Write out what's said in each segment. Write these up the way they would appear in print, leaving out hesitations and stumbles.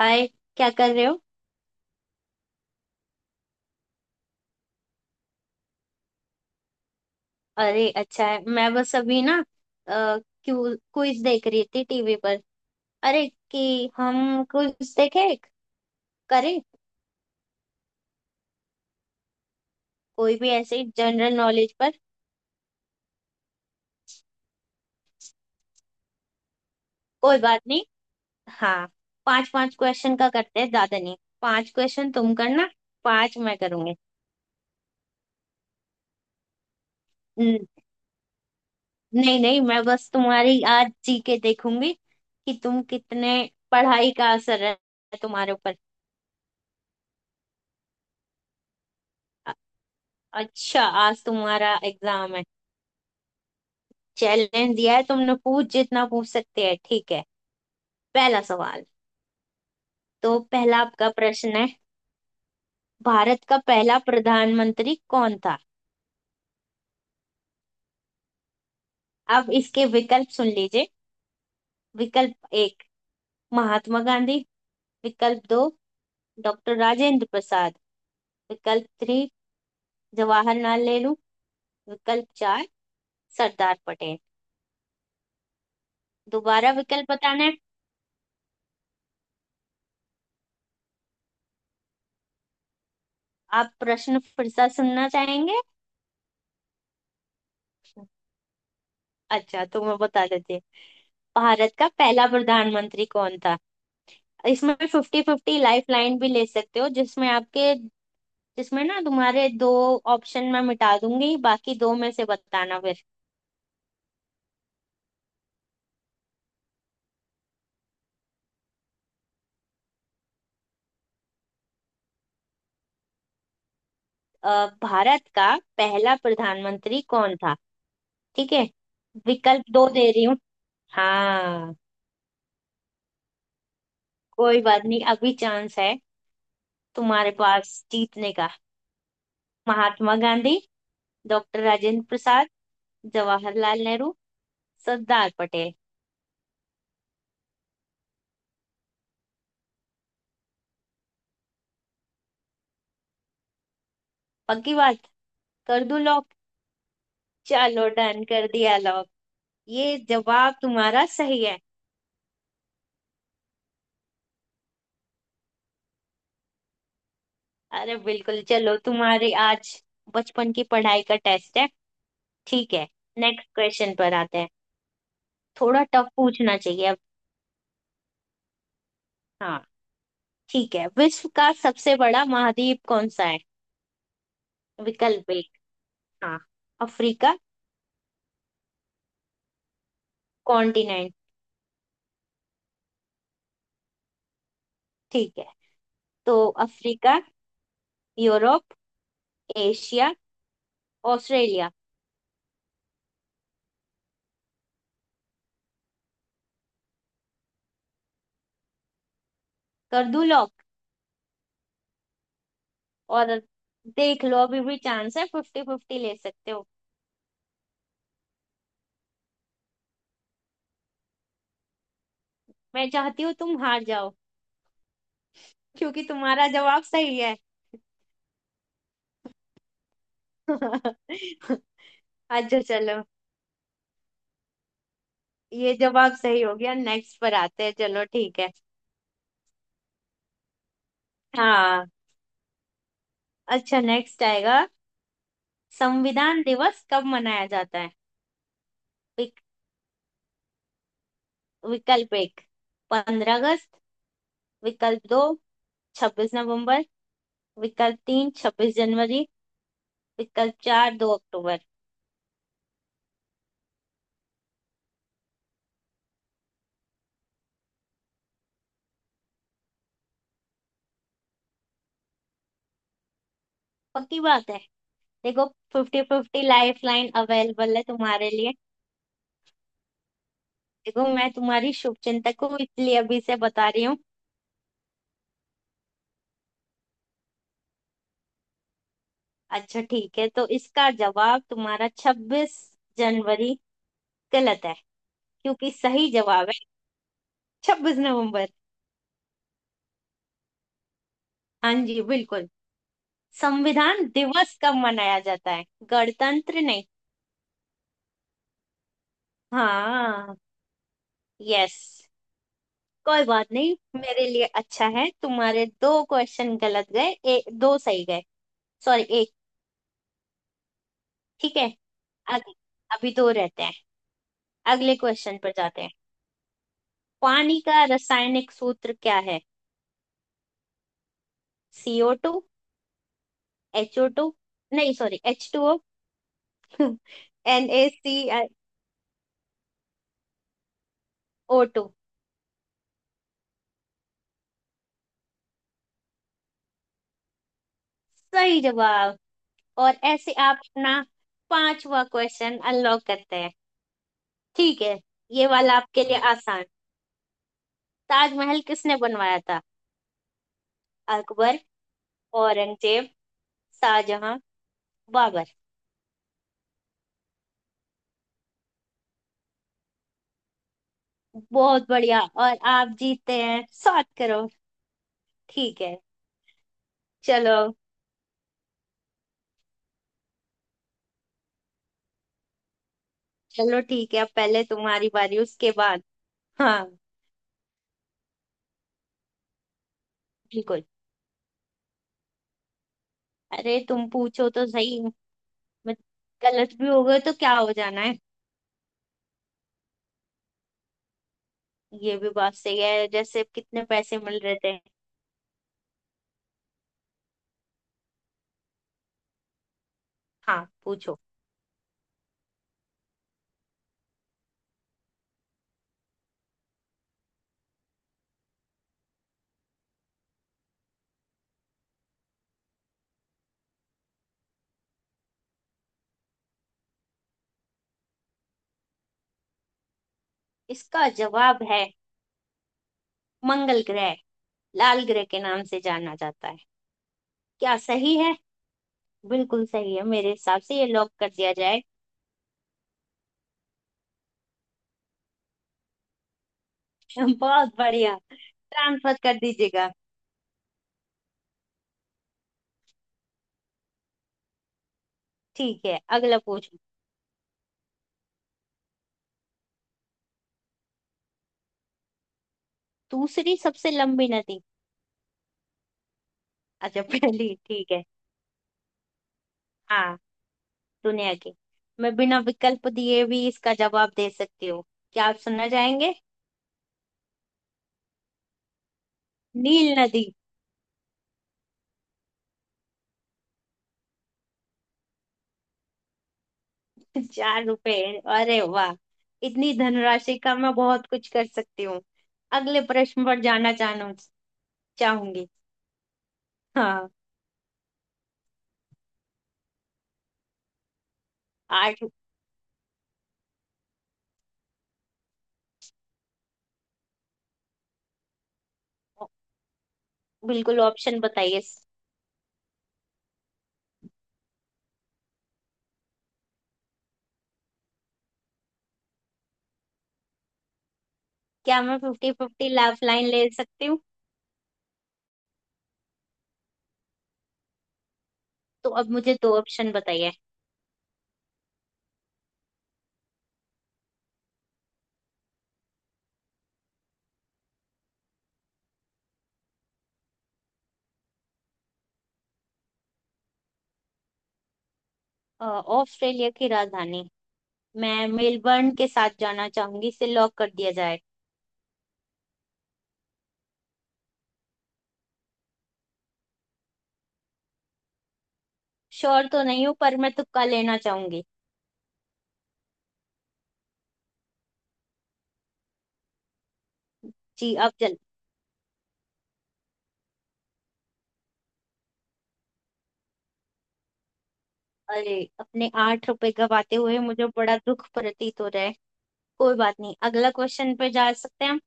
हाय। क्या कर रहे हो? अरे अच्छा है। मैं बस अभी ना अ, क्यू क्विज देख रही थी टीवी पर। अरे कि हम क्विज देखे एक? करें? कोई भी ऐसे जनरल नॉलेज पर। कोई बात नहीं। हाँ। पांच पांच क्वेश्चन का करते हैं, ज्यादा नहीं। पांच क्वेश्चन तुम करना, पांच मैं करूंगी। न- नहीं नहीं, मैं बस तुम्हारी आज जी के देखूंगी कि तुम कितने पढ़ाई का असर है तुम्हारे ऊपर। अ- अच्छा, आज तुम्हारा एग्जाम है, चैलेंज दिया है तुमने। पूछ जितना पूछ सकते हैं, ठीक है? पहला सवाल, तो पहला आपका प्रश्न है। भारत का पहला प्रधानमंत्री कौन था? अब इसके विकल्प सुन लीजिए। विकल्प एक, महात्मा गांधी। विकल्प दो, डॉक्टर राजेंद्र प्रसाद। विकल्प थ्री, जवाहरलाल नेहरू। विकल्प चार, सरदार पटेल। दोबारा विकल्प बताना है? आप प्रश्न फिर से सुनना चाहेंगे? अच्छा तो मैं बता देती हूँ। भारत का पहला प्रधानमंत्री कौन था? इसमें फिफ्टी फिफ्टी लाइफ लाइन भी ले सकते हो, जिसमें आपके, जिसमें ना तुम्हारे दो ऑप्शन मैं मिटा दूंगी, बाकी दो में से बताना फिर। भारत का पहला प्रधानमंत्री कौन था? ठीक है, विकल्प दो दे रही हूँ। हाँ, कोई बात नहीं, अभी चांस है तुम्हारे पास जीतने का। महात्मा गांधी, डॉक्टर राजेंद्र प्रसाद, जवाहरलाल नेहरू, सरदार पटेल। पक्की बात? कर दूं लॉक? चलो, डन, कर दिया लॉक। ये जवाब तुम्हारा सही है। अरे बिल्कुल, चलो तुम्हारे आज बचपन की पढ़ाई का टेस्ट है। ठीक है, नेक्स्ट क्वेश्चन पर आते हैं। थोड़ा टफ पूछना चाहिए अब। हाँ, ठीक है। विश्व का सबसे बड़ा महाद्वीप कौन सा है? विकल्प एक, हाँ, अफ्रीका। कॉन्टिनेंट। ठीक है, तो अफ्रीका, यूरोप, एशिया, ऑस्ट्रेलिया। कर दूं लॉक? और देख लो, अभी भी चांस है, फिफ्टी फिफ्टी ले सकते हो। मैं चाहती हूँ तुम हार जाओ, क्योंकि तुम्हारा जवाब सही है। अच्छा, चलो, ये जवाब सही हो गया, नेक्स्ट पर आते हैं। चलो ठीक है। हाँ, अच्छा, नेक्स्ट आएगा। संविधान दिवस कब मनाया जाता है? विक, विकल्प एक, 15 अगस्त। विकल्प दो, 26 नवंबर। विकल्प तीन, 26 जनवरी। विकल्प चार, 2 अक्टूबर। पक्की बात है? देखो, fifty fifty lifeline available है तुम्हारे लिए। देखो, मैं तुम्हारी शुभचिंतक हूँ इसलिए अभी से बता रही हूँ। अच्छा, ठीक है, तो इसका जवाब तुम्हारा 26 जनवरी गलत है, क्योंकि सही जवाब है 26 नवंबर। हाँ जी, बिल्कुल। संविधान दिवस कब मनाया जाता है, गणतंत्र नहीं। हाँ। यस। कोई बात नहीं, मेरे लिए अच्छा है, तुम्हारे दो क्वेश्चन गलत गए, दो सही गए, सॉरी, एक। ठीक है। अग, अभी दो रहते हैं। अगले क्वेश्चन पर जाते हैं। पानी का रासायनिक सूत्र क्या है? CO2, एच ओ टू, नहीं sorry, H two O, N A C, O to. सही जवाब। और ऐसे आप अपना पांचवा क्वेश्चन अनलॉक करते हैं। ठीक है, ये वाला आपके लिए आसान। ताजमहल किसने बनवाया था? अकबर, औरंगजेब, शाहजहां, बाबर। बहुत बढ़िया, और आप जीतते हैं 7 करोड़। ठीक है, चलो। चलो ठीक है, अब पहले तुम्हारी बारी, उसके बाद। हाँ। बिल्कुल। अरे तुम पूछो तो सही। बट गलत भी हो गए तो क्या हो जाना है? ये भी बात सही है, जैसे कितने पैसे मिल रहे थे? हाँ, पूछो। इसका जवाब है मंगल ग्रह, लाल ग्रह के नाम से जाना जाता है। क्या सही है? बिल्कुल सही है, मेरे हिसाब से ये लॉक कर दिया जाए। बहुत बढ़िया, ट्रांसफर कर दीजिएगा। ठीक है, अगला पूछो। दूसरी सबसे लंबी नदी? अच्छा, पहली, ठीक है। हाँ, दुनिया की, मैं बिना विकल्प दिए भी इसका जवाब दे सकती हूँ, क्या आप सुनना चाहेंगे? नील नदी। 4 रुपए, अरे वाह, इतनी धनराशि का मैं बहुत कुछ कर सकती हूँ। अगले प्रश्न पर जाना चाहूँ? चाहूंगी। हाँ। आठ? बिल्कुल, ऑप्शन बताइए। क्या मैं फिफ्टी फिफ्टी लाइफ लाइन ले सकती हूँ? तो अब मुझे दो ऑप्शन बताइए। ऑस्ट्रेलिया की राजधानी, मैं मेलबर्न के साथ जाना चाहूंगी, इसे लॉक कर दिया जाए। श्योर तो नहीं हूँ, पर मैं तुक्का लेना चाहूंगी। जी अब जल अरे, अपने 8 रुपए गवाते हुए मुझे बड़ा दुख प्रतीत हो रहा है। कोई बात नहीं, अगला क्वेश्चन पे जा सकते हैं हम।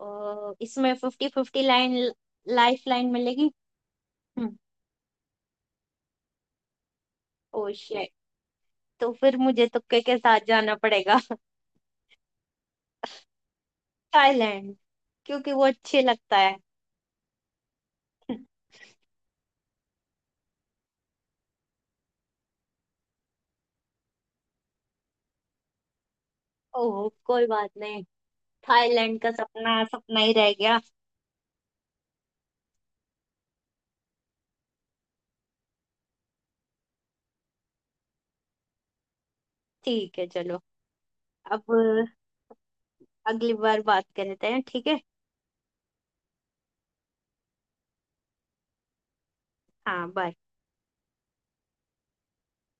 इसमें fifty fifty line lifeline मिलेगी? हम्म। ओ शिट, तो फिर मुझे तुक्के के साथ जाना पड़ेगा। थाईलैंड, क्योंकि वो अच्छे लगता है। ओह, कोई बात नहीं। थाईलैंड का सपना सपना ही रह गया। ठीक है, चलो। अब अगली बार बात करते हैं, ठीक है। हाँ, बाय।